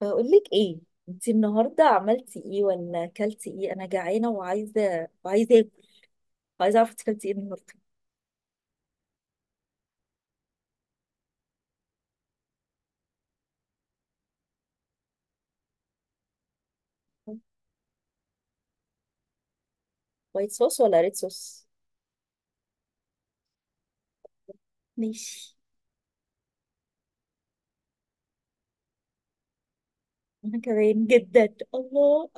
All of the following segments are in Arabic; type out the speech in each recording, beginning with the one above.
بقولك ايه؟ انتي النهارده عملتي ايه ولا اكلتي ايه؟ انا جعانه وعايزه اكل. عايزه اعرف انتي اكلتي ايه النهارده؟ وايت صوص ولا ريد صوص؟ ماشي. انا كمان جدا، الله.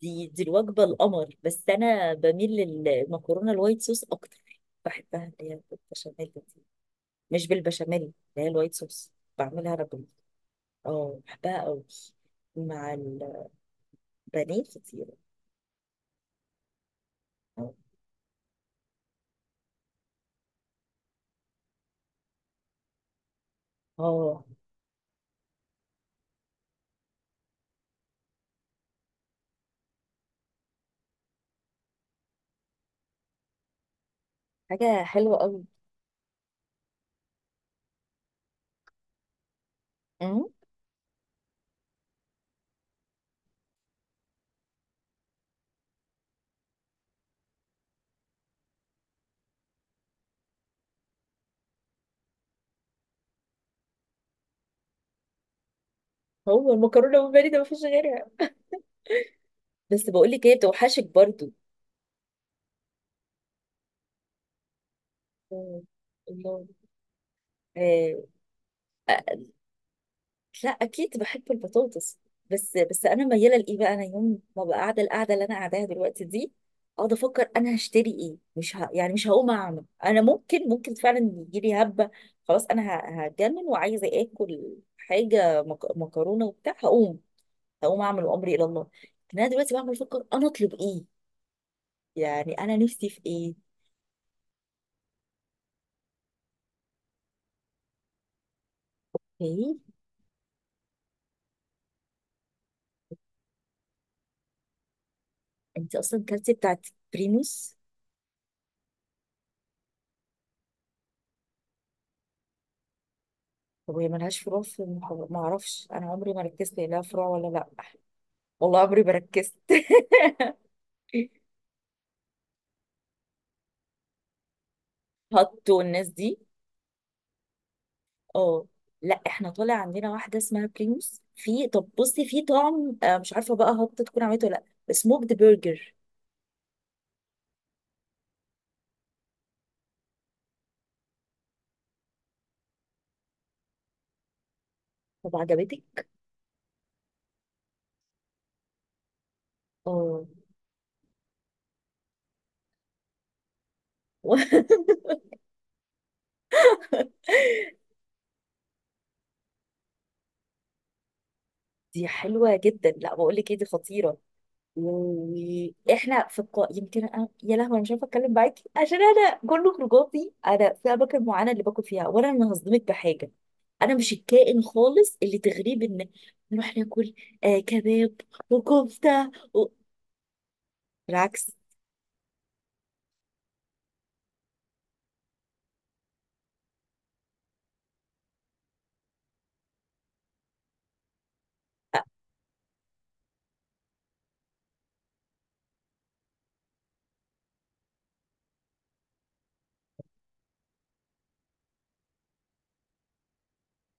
دي الوجبه القمر، بس انا بميل للمكرونه الوايت صوص اكتر، بحبها اللي هي بالبشاميل دي. مش بالبشاميل، اللي هي الوايت صوص. بعملها انا اه بحبها قوي مع البانيه كتير. اه، حاجه حلوه قوي. هو المكرونه بالبانيه ده مفيش غيرها؟ بس بقول لك ايه، بتوحشك برضو. آه، الله. آه، آه، لا اكيد بحب البطاطس. بس انا مياله لايه بقى، انا يوم ما بقى قاعده القعده اللي انا قاعداها دلوقتي دي اقعد افكر انا هشتري ايه، مش يعني مش هقوم اعمل، انا ممكن فعلا يجي لي هبه. خلاص انا هتجنن وعايزه اكل حاجه مكرونه وبتاع، هقوم اعمل وامري الى الله. لكن انا دلوقتي بعمل افكر انا اطلب ايه؟ يعني انا نفسي في ايه؟ انت اصلا كلتي بتاعت بريموس؟ طب وهي ملهاش فروع في المحافظة؟ ما اعرفش، انا عمري ما ركزت هي لها فروع ولا لا. والله عمري ما ركزت. هاتو الناس دي. اه، لا احنا طالع عندنا واحده اسمها بريموس. في طب بصي، في طعم، آه، مش عارفه بقى هات تكون عملته ولا لا، سموكد برجر. طب عجبتك؟ اه. دي حلوه جدا. لا بقول لك ايه، دي خطيره. واحنا في القاء يمكن يا لهوي انا مش عارفه اتكلم معاكي، عشان انا كل خروجاتي انا في اماكن معينه اللي باكل فيها، وانا هصدمك بحاجه. انا مش الكائن خالص اللي تغريب ان نروح ناكل. آه كباب وكفته بالعكس. آه،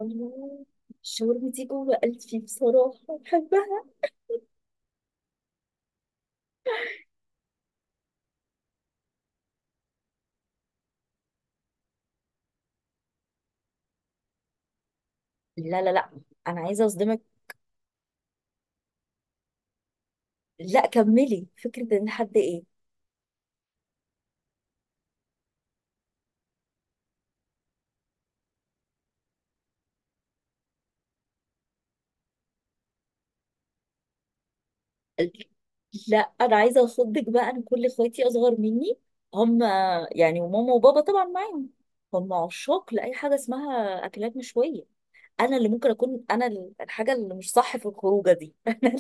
الله، الشاورما دي جوه قلبي بصراحه، بحبها. لا لا لا، انا عايزه اصدمك. لا كملي، فكره ان حد ايه. لا انا عايزه اخضك بقى، انا كل اخواتي اصغر مني، هم يعني، وماما وبابا طبعا معاهم، هم عشاق لاي حاجه اسمها اكلات مشويه. انا اللي ممكن اكون انا الحاجه اللي مش صح في الخروجه دي.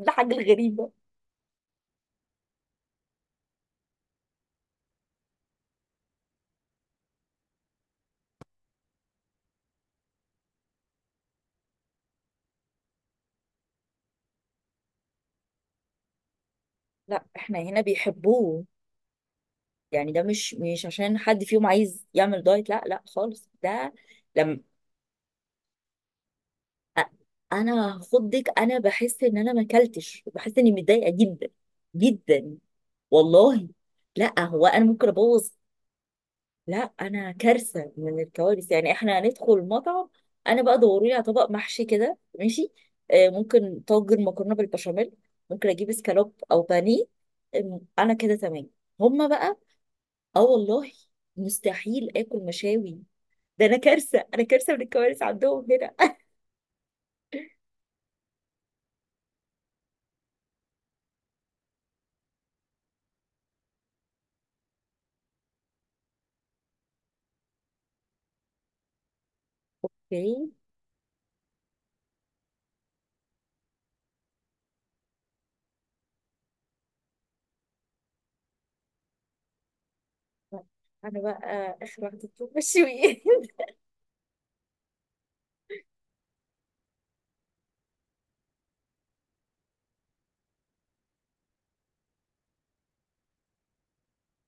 الحاجه الغريبه. لا احنا هنا بيحبوه. يعني ده مش عشان حد فيهم عايز يعمل دايت، لا لا خالص ده. لما أ- انا هخضك، انا بحس ان انا ما اكلتش، بحس اني متضايقه جدا جدا والله. لا هو انا ممكن ابوظ. لا انا كارثه من الكوارث، يعني احنا هندخل المطعم انا بقى دوري لي على طبق محشي كده، ماشي. آه ممكن طاجن مكرونه بالبشاميل، ممكن اجيب اسكالوب او بانيه. آم، انا كده تمام. هما بقى اه والله مستحيل اكل مشاوي. ده انا كارثه، انا كارثه من الكوارث عندهم هنا. انا بقى اخر واحده بتوع مشويات.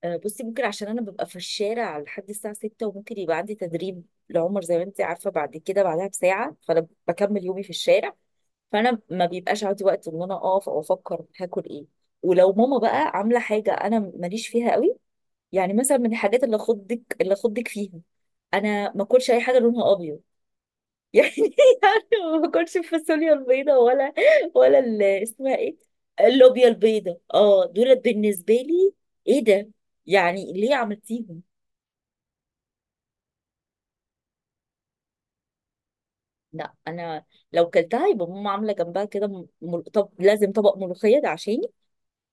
آه، بصي، ممكن عشان انا ببقى في الشارع لحد الساعه 6 وممكن يبقى عندي تدريب لعمر، زي ما انت عارفه، بعد كده بعدها بساعه، فانا بكمل يومي في الشارع. فانا ما بيبقاش عندي وقت ان انا اقف او افكر هاكل ايه. ولو ماما بقى عامله حاجه انا ماليش فيها قوي. يعني مثلا من الحاجات اللي اخضك فيها، انا ما اكلش اي حاجه لونها ابيض. يعني. يعني ما باكلش الفاصوليا البيضاء، ولا اسمها ايه، اللوبيا البيضاء، اه دول بالنسبه لي. ايه ده؟ يعني ليه عملتيهم؟ لا، انا لو كلتها يبقى ماما عامله جنبها كده طب لازم طبق ملوخيه ده عشاني،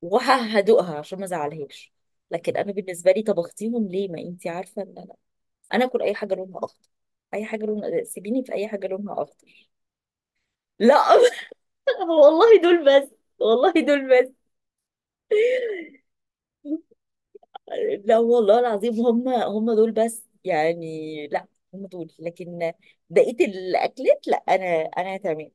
وهدوقها عشان ما ازعلهاش. لكن انا بالنسبه لي، طبختيهم ليه؟ ما انتي عارفه ان انا، انا اكل اي حاجه لونها اخضر، اي حاجه لونها، سيبيني في اي حاجه لونها اخضر. لا. والله دول بس. والله دول بس. لا والله العظيم هم هم دول بس يعني، لا، هم دول. لكن بقية الأكلات، لا أنا، أنا تمام.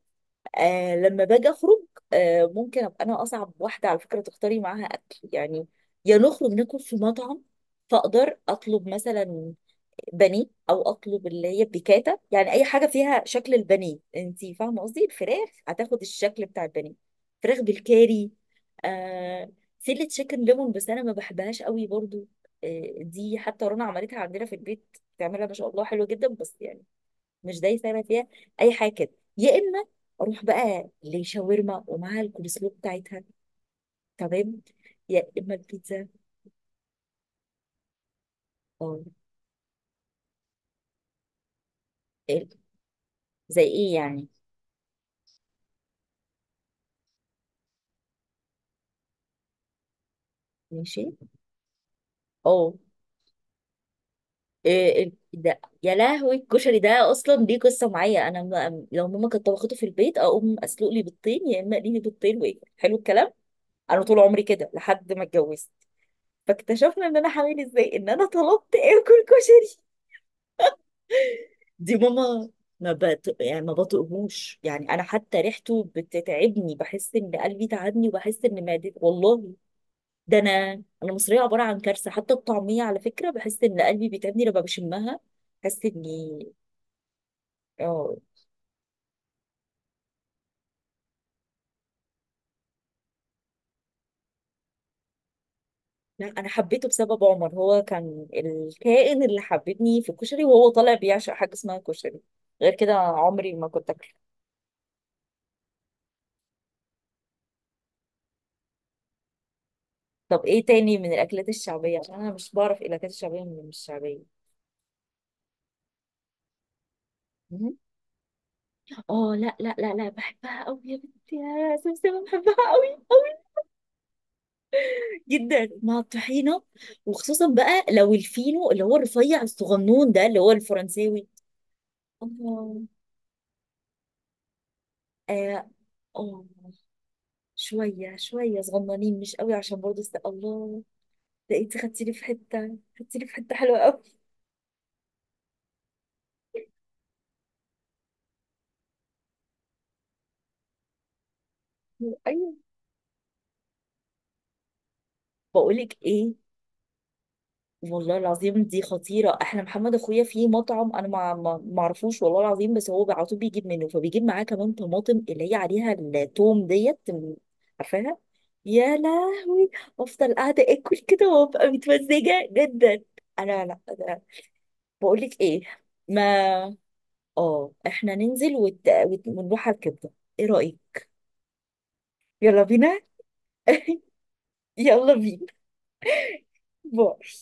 آه لما باجي اخرج، آه ممكن ابقى انا اصعب واحده على فكره تختاري معاها اكل يعني. يا نخرج ناكل في مطعم فاقدر اطلب مثلا بانيه، او اطلب اللي هي بيكاتا، يعني اي حاجه فيها شكل البانيه، انت فاهمه قصدي، الفراخ هتاخد الشكل بتاع البانيه. فراخ بالكاري، آه سله تشيكن ليمون، بس انا ما بحبهاش قوي برضو. آه دي حتى رنا عملتها عندنا في البيت، بتعملها ما شاء الله حلو جدا، بس يعني مش دايسه انا فيها اي حاجه كده. يا اما اروح بقى لشاورما ومعاها الكولسلو بتاعتها، تمام، يا اما البيتزا. اه، ال- زي ايه يعني؟ ماشي. اه، إيه ده يا لهوي، الكشري ده اصلا ليه قصه معايا، انا ما، لو ماما كانت طبخته في البيت اقوم اسلق لي بيضتين، يا اما اقلي لي بيضتين وايه، حلو الكلام. انا طول عمري كده لحد ما اتجوزت، فاكتشفنا ان انا حامل ازاي ان انا طلبت اكل كشري. دي ماما، ما بط... يعني ما بطقهوش يعني، انا حتى ريحته بتتعبني، بحس ان قلبي تعبني وبحس ان معدتي والله. ده انا، انا مصريه عباره عن كارثه، حتى الطعميه على فكره بحس ان قلبي بيتعبني لما بشمها، بحس اني اه. لا انا حبيته بسبب عمر، هو كان الكائن اللي حببني في الكشري، وهو طالع بيعشق حاجه اسمها كشري. غير كده عمري ما كنت اكله. طب ايه تاني من الاكلات الشعبيه؟ عشان انا مش بعرف الاكلات الشعبيه من مش الشعبيه. اه لا لا لا لا بحبها قوي يا بنتي يا سمسمة، بحبها قوي قوي. جدا مع الطحينة، وخصوصا بقى لو الفينو اللي هو الرفيع الصغنون ده اللي هو الفرنساوي. الله. اه اه. شوية شوية صغننين، مش قوي عشان برضه الله. ده انت خدتيلي في حتة، خدتيلي في حتة حلوة قوي. ايوه، بقولك ايه، والله العظيم دي خطيرة، احنا محمد اخويا في مطعم انا ما اعرفوش والله العظيم، بس هو على طول بيجيب منه، فبيجيب معاه كمان طماطم اللي هي عليها التوم ديت، عارفاها؟ يا لهوي. افضل قاعدة اكل كده وابقى متمزجة جدا. انا لا، أنا بقول لك ايه، ما اه احنا ننزل ونروح ونروح على الكبدة، ايه رأيك؟ يلا بينا. يلا بينا. باي.